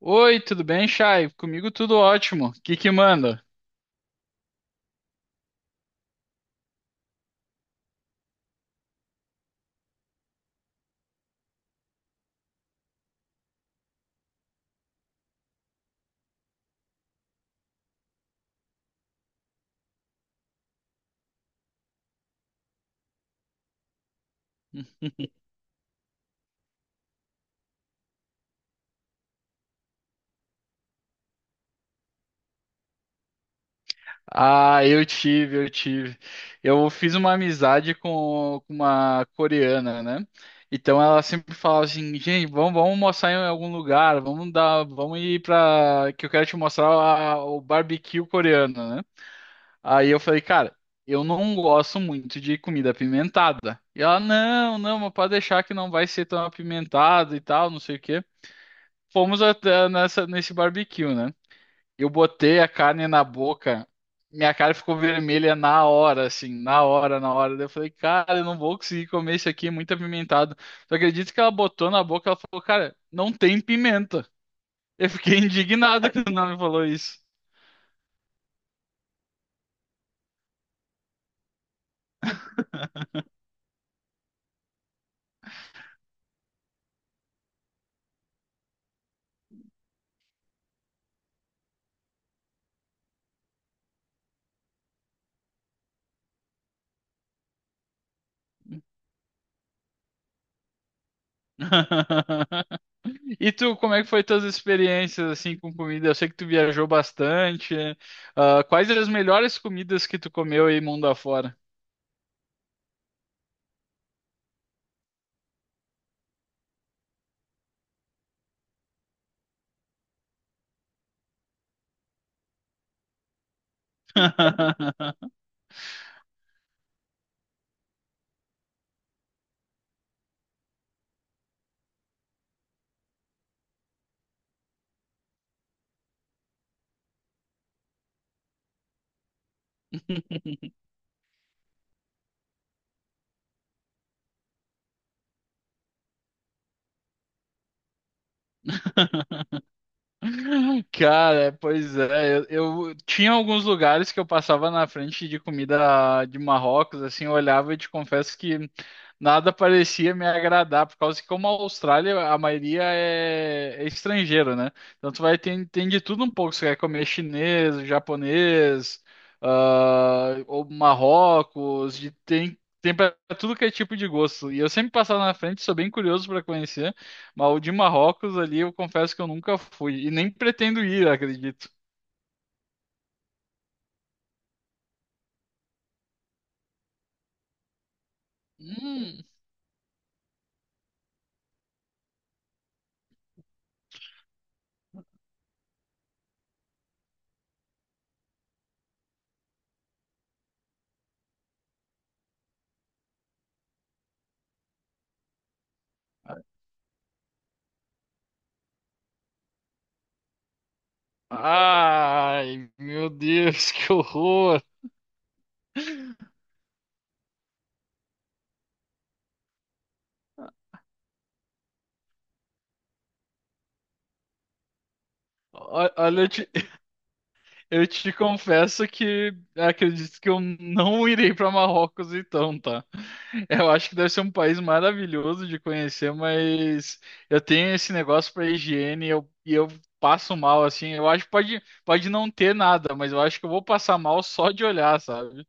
Oi, tudo bem, Chay? Comigo tudo ótimo. O que que manda? Ah, eu tive, eu tive. Eu fiz uma amizade com uma coreana, né? Então ela sempre falava assim, gente, vamos, almoçar em algum lugar, vamos dar, vamos ir pra. Que eu quero te mostrar o barbecue coreano, né? Aí eu falei, cara, eu não gosto muito de comida apimentada. E ela, não, não, mas pode deixar que não vai ser tão apimentado e tal, não sei o quê. Fomos até nessa, nesse barbecue, né? Eu botei a carne na boca, minha cara ficou vermelha na hora, assim, na hora, na hora. Daí eu falei, cara, eu não vou conseguir comer isso aqui, é muito apimentado. Tu acredita que ela botou na boca, ela falou, cara, não tem pimenta. Eu fiquei indignado quando ela me falou isso. E tu, como é que foi tuas experiências assim com comida? Eu sei que tu viajou bastante, né? Ah, quais as melhores comidas que tu comeu aí mundo afora? Cara, pois é, eu tinha alguns lugares que eu passava na frente de comida de Marrocos, assim, eu olhava e te confesso que nada parecia me agradar, por causa que como a Austrália, a maioria é estrangeiro, né? Então tu vai ter, tem de tudo um pouco, você quer comer chinês, japonês, ah, ou Marrocos, tem, tem para tudo que é tipo de gosto. E eu sempre passava na frente, sou bem curioso para conhecer. Mas o de Marrocos ali, eu confesso que eu nunca fui. E nem pretendo ir, acredito. Hum. Ai, meu Deus, que horror! Olha, eu te confesso que acredito que eu não irei para Marrocos então, tá? Eu acho que deve ser um país maravilhoso de conhecer, mas eu tenho esse negócio para higiene e eu passo mal, assim. Eu acho que pode, pode não ter nada, mas eu acho que eu vou passar mal só de olhar, sabe?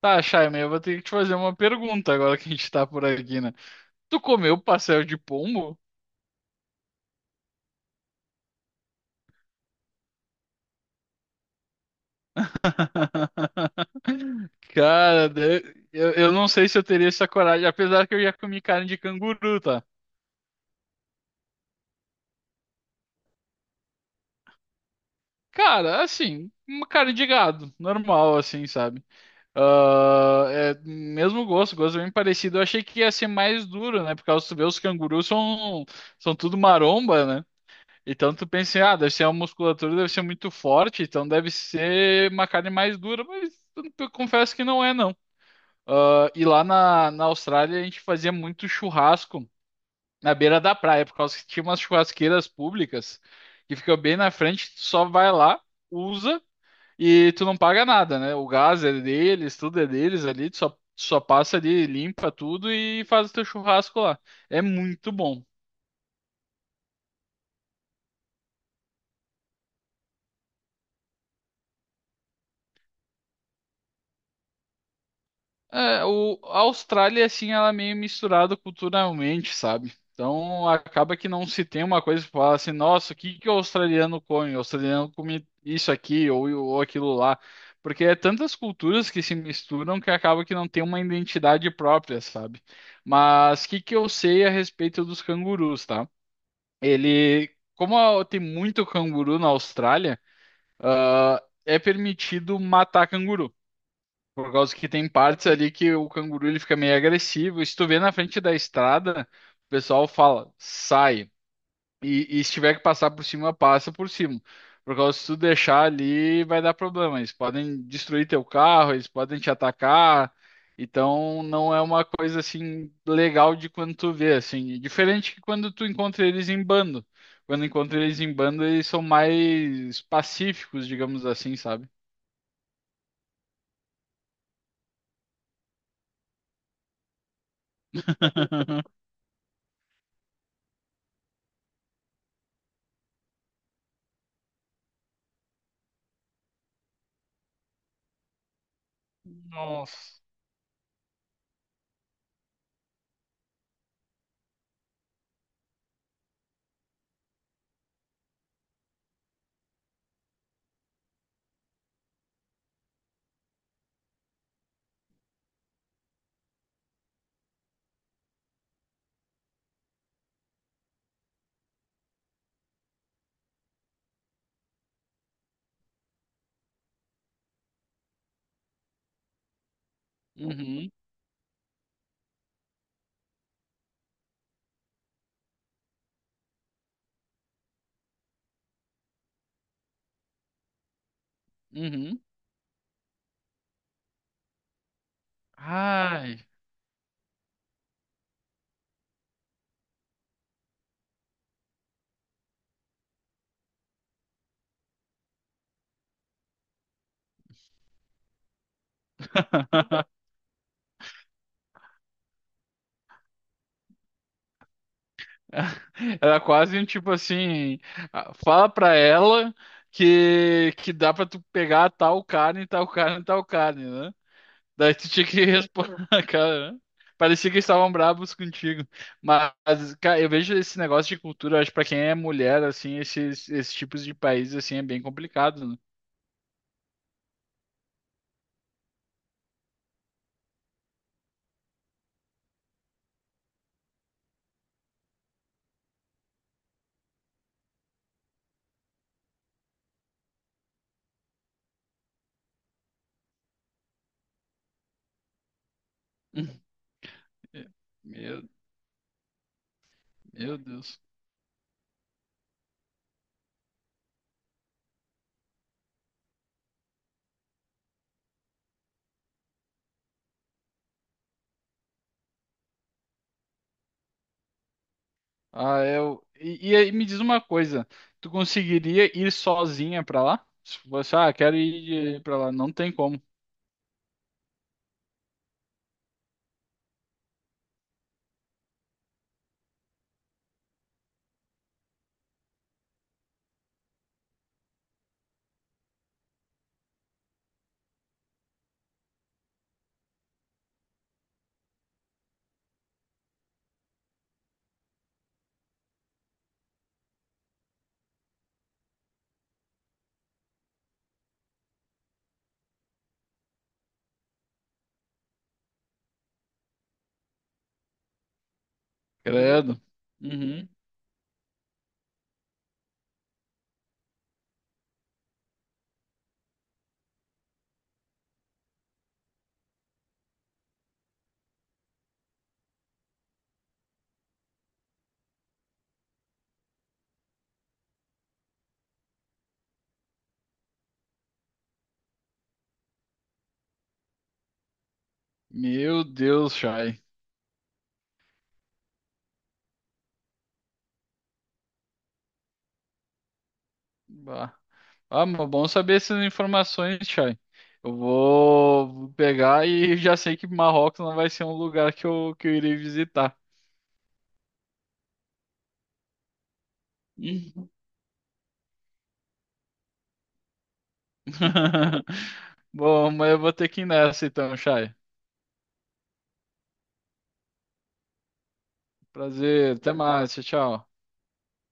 Tá, Chaime, eu vou ter que te fazer uma pergunta agora que a gente tá por aqui, né? Tu comeu pastel de pombo? Cara, eu não sei se eu teria essa coragem, apesar que eu já comi carne de canguru, tá? Cara, assim, uma carne de gado, normal, assim, sabe? Ah, é, mesmo gosto, gosto bem parecido. Eu achei que ia ser mais duro, né? Porque os, tu vê, os cangurus são, são tudo maromba, né? Então tu pensa, ah, deve ser uma musculatura, deve ser muito forte, então deve ser uma carne mais dura, mas eu confesso que não é, não. Ah, e lá na, na Austrália a gente fazia muito churrasco na beira da praia, por causa que tinha umas churrasqueiras públicas que ficam bem na frente, tu só vai lá, usa e tu não paga nada, né? O gás é deles, tudo é deles ali, tu só, só passa ali, limpa tudo e faz o teu churrasco lá. É muito bom. É, a Austrália, assim, ela é meio misturada culturalmente, sabe? Então, acaba que não se tem uma coisa que fala assim, nossa, o que que o australiano come? O australiano come isso aqui ou aquilo lá. Porque é tantas culturas que se misturam que acaba que não tem uma identidade própria, sabe? Mas o que que eu sei a respeito dos cangurus, tá? Ele, tem muito canguru na Austrália, ah, é permitido matar canguru. Por causa que tem partes ali que o canguru ele fica meio agressivo. E se tu vê na frente da estrada, o pessoal fala, sai. E se tiver que passar por cima, passa por cima. Por causa que se tu deixar ali, vai dar problema. Eles podem destruir teu carro, eles podem te atacar. Então não é uma coisa assim legal de quando tu vê, assim. Diferente que quando tu encontra eles em bando. Quando encontra eles em bando, eles são mais pacíficos, digamos assim, sabe? Nossa. Uhum. Uhum. Ai. Era quase um tipo assim, ah, fala pra ela que dá pra tu pegar tal carne, tal carne, tal carne, né? Daí tu tinha que responder, cara, né? Parecia que eles estavam bravos contigo. Mas, cara, eu vejo esse negócio de cultura, eu acho que pra quem é mulher, assim, esses tipos de países, assim, é bem complicado, né? Meu, meu Deus. Ah, é, eu. E aí me diz uma coisa, tu conseguiria ir sozinha pra lá? Se você, ah, quero ir pra lá, não tem como. Credo. Uhum. Meu Deus, Chay. Bah. Ah, mas bom saber essas informações, Chay. Eu vou pegar e já sei que Marrocos não vai ser um lugar que eu irei visitar. Uhum. Bom, mas eu vou ter que ir nessa então, Chay. Prazer, até mais, tchau. Tchau.